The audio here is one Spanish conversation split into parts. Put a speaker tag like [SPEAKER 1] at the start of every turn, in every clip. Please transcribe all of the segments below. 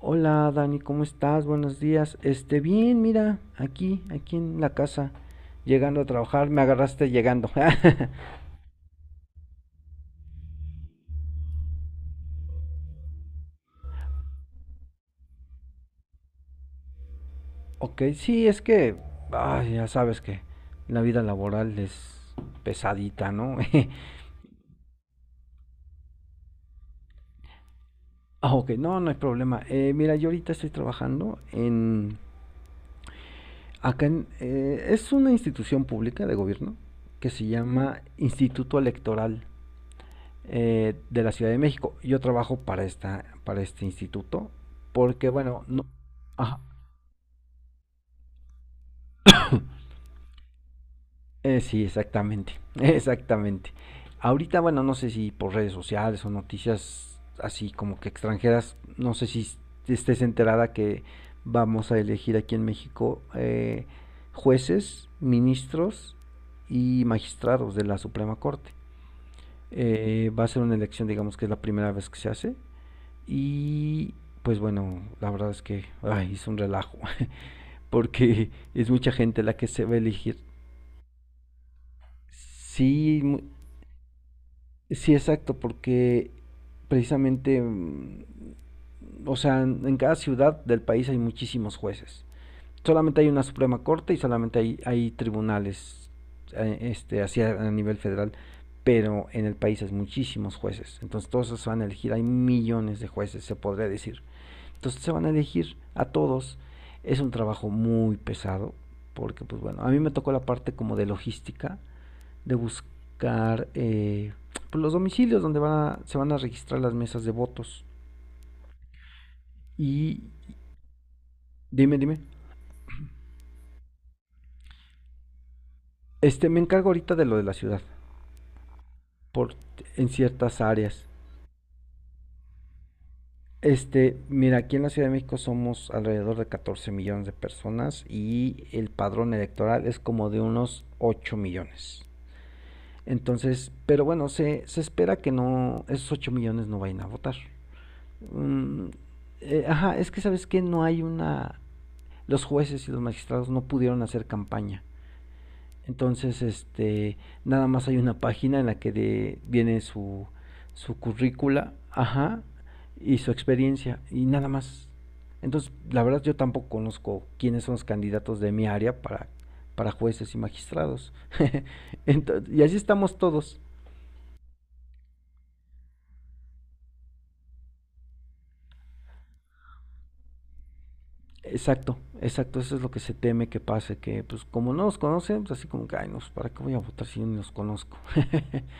[SPEAKER 1] Hola Dani, ¿cómo estás? Buenos días. Bien, mira, aquí en la casa, llegando a trabajar, me agarraste llegando. Ok, sí, ay, ya sabes que la vida laboral es pesadita, ¿no? Ah, ok, no hay problema. Mira, yo ahorita estoy acá es una institución pública de gobierno que se llama Instituto Electoral. Eh, de la Ciudad de México. Yo trabajo para para este instituto, porque bueno, no, ajá, sí, exactamente, exactamente. Ahorita, bueno, no sé si por redes sociales o noticias así como que extranjeras, no sé si estés enterada que vamos a elegir aquí en México, jueces, ministros y magistrados de la Suprema Corte. Va a ser una elección, digamos que es la primera vez que se hace. Y pues bueno, la verdad es que ay, es un relajo, porque es mucha gente la que se va a elegir. Sí, sí, exacto, porque precisamente, mm, o sea, en cada ciudad del país hay muchísimos jueces. Solamente hay una Suprema Corte y solamente hay tribunales así a nivel federal, pero en el país hay muchísimos jueces. Entonces todos esos van a elegir, hay millones de jueces, se podría decir. Entonces se van a elegir a todos. Es un trabajo muy pesado, porque pues bueno, a mí me tocó la parte como de logística, de buscar los domicilios donde se van a registrar las mesas de votos. Y dime, dime. Me encargo ahorita de lo de la ciudad, por, en ciertas áreas. Este, mira, aquí en la Ciudad de México somos alrededor de 14 millones de personas y el padrón electoral es como de unos 8 millones. Entonces, pero bueno, se espera que no, esos 8 millones no vayan a votar. Mm, ajá, es que sabes que no hay los jueces y los magistrados no pudieron hacer campaña. Entonces, este, nada más hay una página en la que viene su currícula, ajá, y su experiencia, y nada más. Entonces, la verdad yo tampoco conozco quiénes son los candidatos de mi área para jueces y magistrados. Y así estamos todos. Exacto, exacto, eso es lo que se teme que pase, que pues como no nos conocen, pues así como que, ay, no, pues, ¿para qué voy a votar si yo ni los conozco?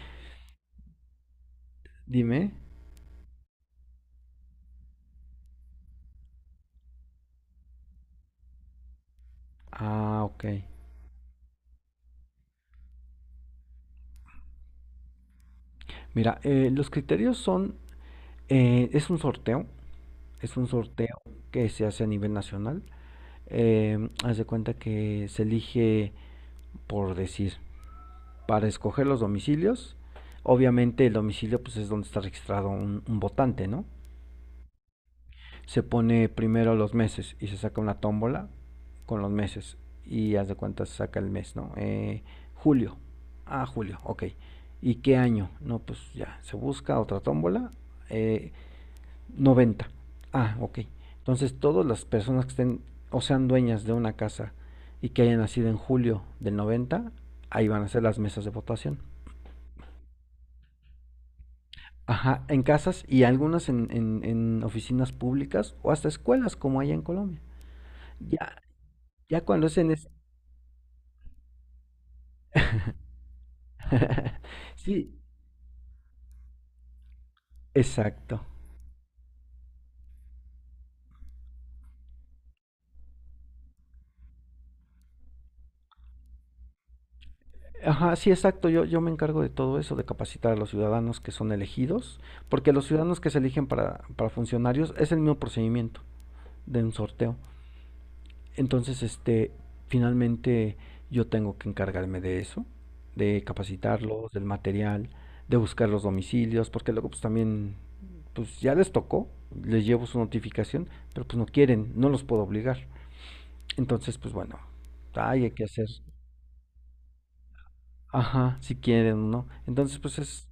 [SPEAKER 1] Dime. Ah, ok. Mira, los criterios son, eh, es un sorteo, es un sorteo que se hace a nivel nacional. Haz de cuenta que se elige, por decir, para escoger los domicilios. Obviamente el domicilio pues es donde está registrado un votante, ¿no? Se pone primero los meses y se saca una tómbola con los meses y haz de cuenta se saca el mes, ¿no? Julio. Ah, julio, ok. ¿Y qué año? No, pues ya, se busca otra tómbola. eh, 90. Ah, ok. Entonces todas las personas que estén o sean dueñas de una casa y que hayan nacido en julio del noventa, ahí van a ser las mesas de votación. Ajá, en casas y en oficinas públicas o hasta escuelas como hay en Colombia. Ya, Ya cuando se nes- Sí, exacto. Ajá, sí, exacto. Yo me encargo de todo eso, de capacitar a los ciudadanos que son elegidos, porque los ciudadanos que se eligen para funcionarios es el mismo procedimiento de un sorteo. Entonces, este, finalmente yo tengo que encargarme de eso, de capacitarlos, del material, de buscar los domicilios, porque luego pues también, pues ya les tocó, les llevo su notificación, pero pues no quieren, no los puedo obligar. Entonces, pues bueno, ay, hay que hacer, ajá, si quieren, ¿no? Entonces, pues es,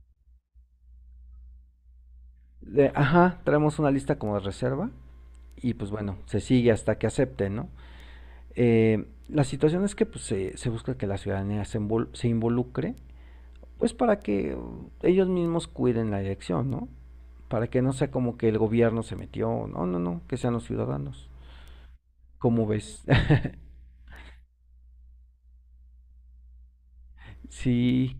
[SPEAKER 1] de- ajá, traemos una lista como de reserva y pues bueno, se sigue hasta que acepten, ¿no? La situación es que pues se busca que la ciudadanía se involucre, pues para que ellos mismos cuiden la elección, ¿no? Para que no sea como que el gobierno se metió, no, no, no, que sean los ciudadanos. ¿Cómo ves? Sí,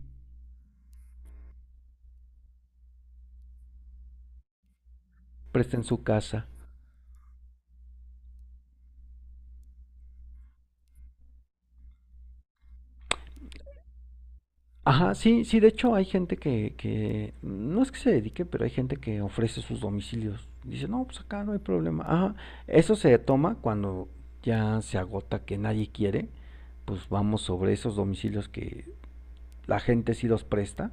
[SPEAKER 1] presten su casa. Ajá, sí, sí, de hecho hay gente que no es que se dedique, pero hay gente que ofrece sus domicilios. Dice, no, pues acá no hay problema. Ajá, eso se toma cuando ya se agota que nadie quiere, pues vamos sobre esos domicilios que la gente sí los presta,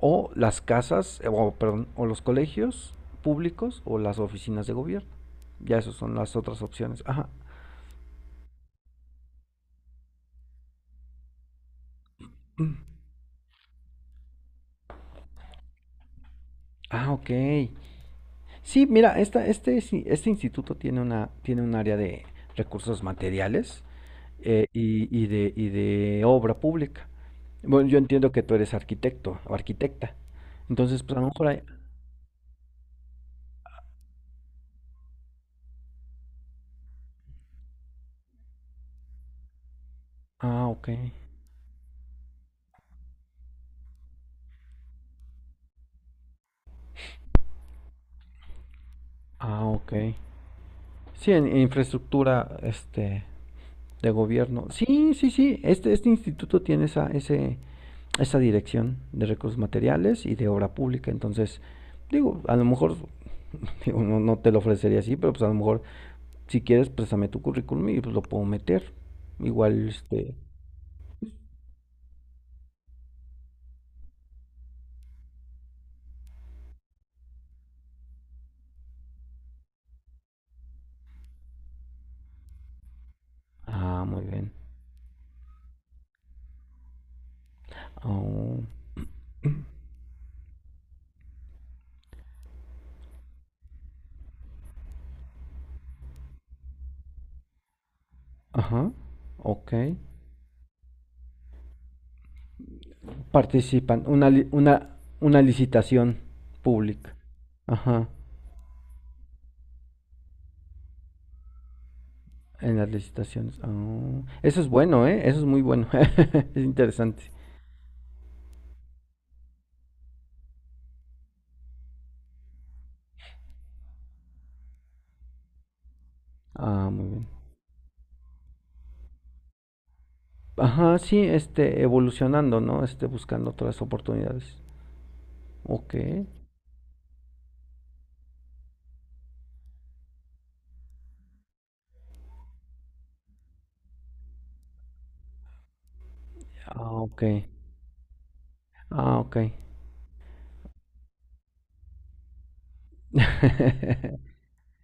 [SPEAKER 1] o las casas, o perdón, o los colegios públicos o las oficinas de gobierno. Ya esas son las otras opciones. Ajá. Ah, ok. Sí, mira, sí, este instituto tiene tiene un área de recursos materiales y de obra pública. Bueno, yo entiendo que tú eres arquitecto o arquitecta. Entonces, pues a lo mejor hay... Ah, ok. Ah, ok. Sí, en infraestructura este, de gobierno. Sí, sí, sí. Este instituto tiene esa dirección de recursos materiales y de obra pública. Entonces, digo, a lo mejor, digo, no, no te lo ofrecería así, pero pues a lo mejor. Si quieres, préstame tu currículum y pues lo puedo meter. Igual, este. Ah, muy bien. Oh, ajá. Ok. Participan. Una licitación pública. Ajá. En las licitaciones. Oh, eso es bueno, ¿eh? Eso es muy bueno. Es interesante. Ah, muy bien. Ajá, sí, este, evolucionando, ¿no? Este, buscando otras oportunidades. Ok. Ah, ok. Ah, ok.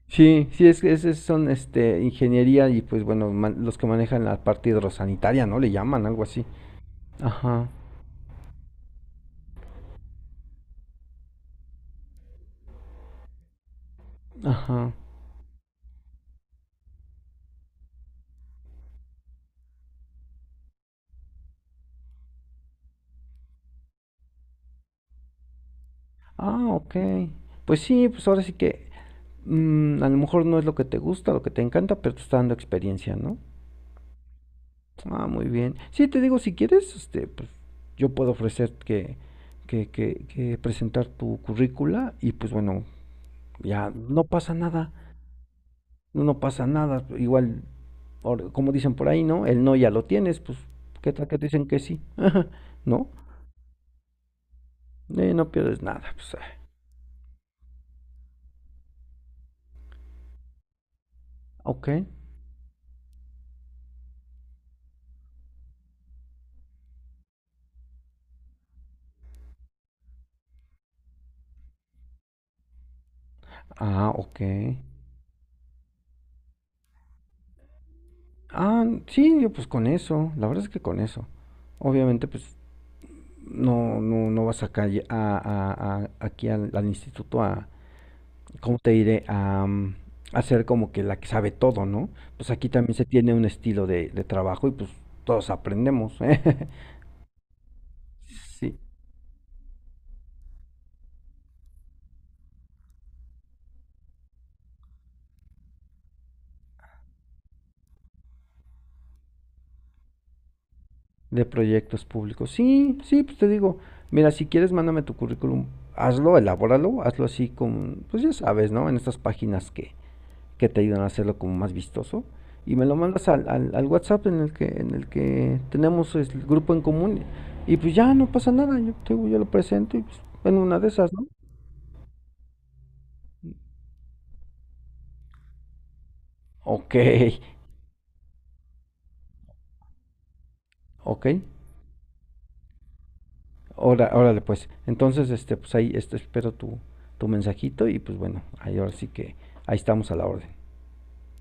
[SPEAKER 1] Sí, sí, son este, ingeniería y pues bueno, los que manejan la parte hidrosanitaria, ¿no? Le llaman algo así. Ajá, ajá. Ah, ok. Pues sí, pues ahora sí que mm, a lo mejor no es lo que te gusta, lo que te encanta, pero te está dando experiencia, ¿no? Ah, muy bien. Sí, te digo, si quieres, este, pues yo puedo ofrecer que presentar tu currícula y pues bueno, ya no pasa nada, no, no pasa nada. Igual. Por- como dicen por ahí, ¿no? El no ya lo tienes, pues, ¿qué tal que te dicen que sí? ¿No? No pierdes nada, pues, ah, ok. Ah, ok. Ah, sí, yo pues con eso, la verdad es que con eso. Obviamente, pues, no, no, no vas a calle, aquí al instituto a, ¿cómo te diré? A, mm, a ser como que la que sabe todo, ¿no? Pues aquí también se tiene un estilo de trabajo y pues todos aprendemos. Sí. De proyectos públicos. Sí, sí, pues te digo, mira, si quieres, mándame tu currículum, hazlo, elabóralo, hazlo así con, pues ya sabes, ¿no? En estas páginas que te ayudan a hacerlo como más vistoso. Y me lo mandas al WhatsApp en el en el que tenemos pues, el grupo en común. Y pues ya no pasa nada, yo, te digo, yo lo presento y pues, en una de esas, ¿no? Ok, ok. Ahora, órale, pues. Entonces, este, pues ahí este, espero tu mensajito y pues bueno, ahí ahora sí que ahí estamos a la orden.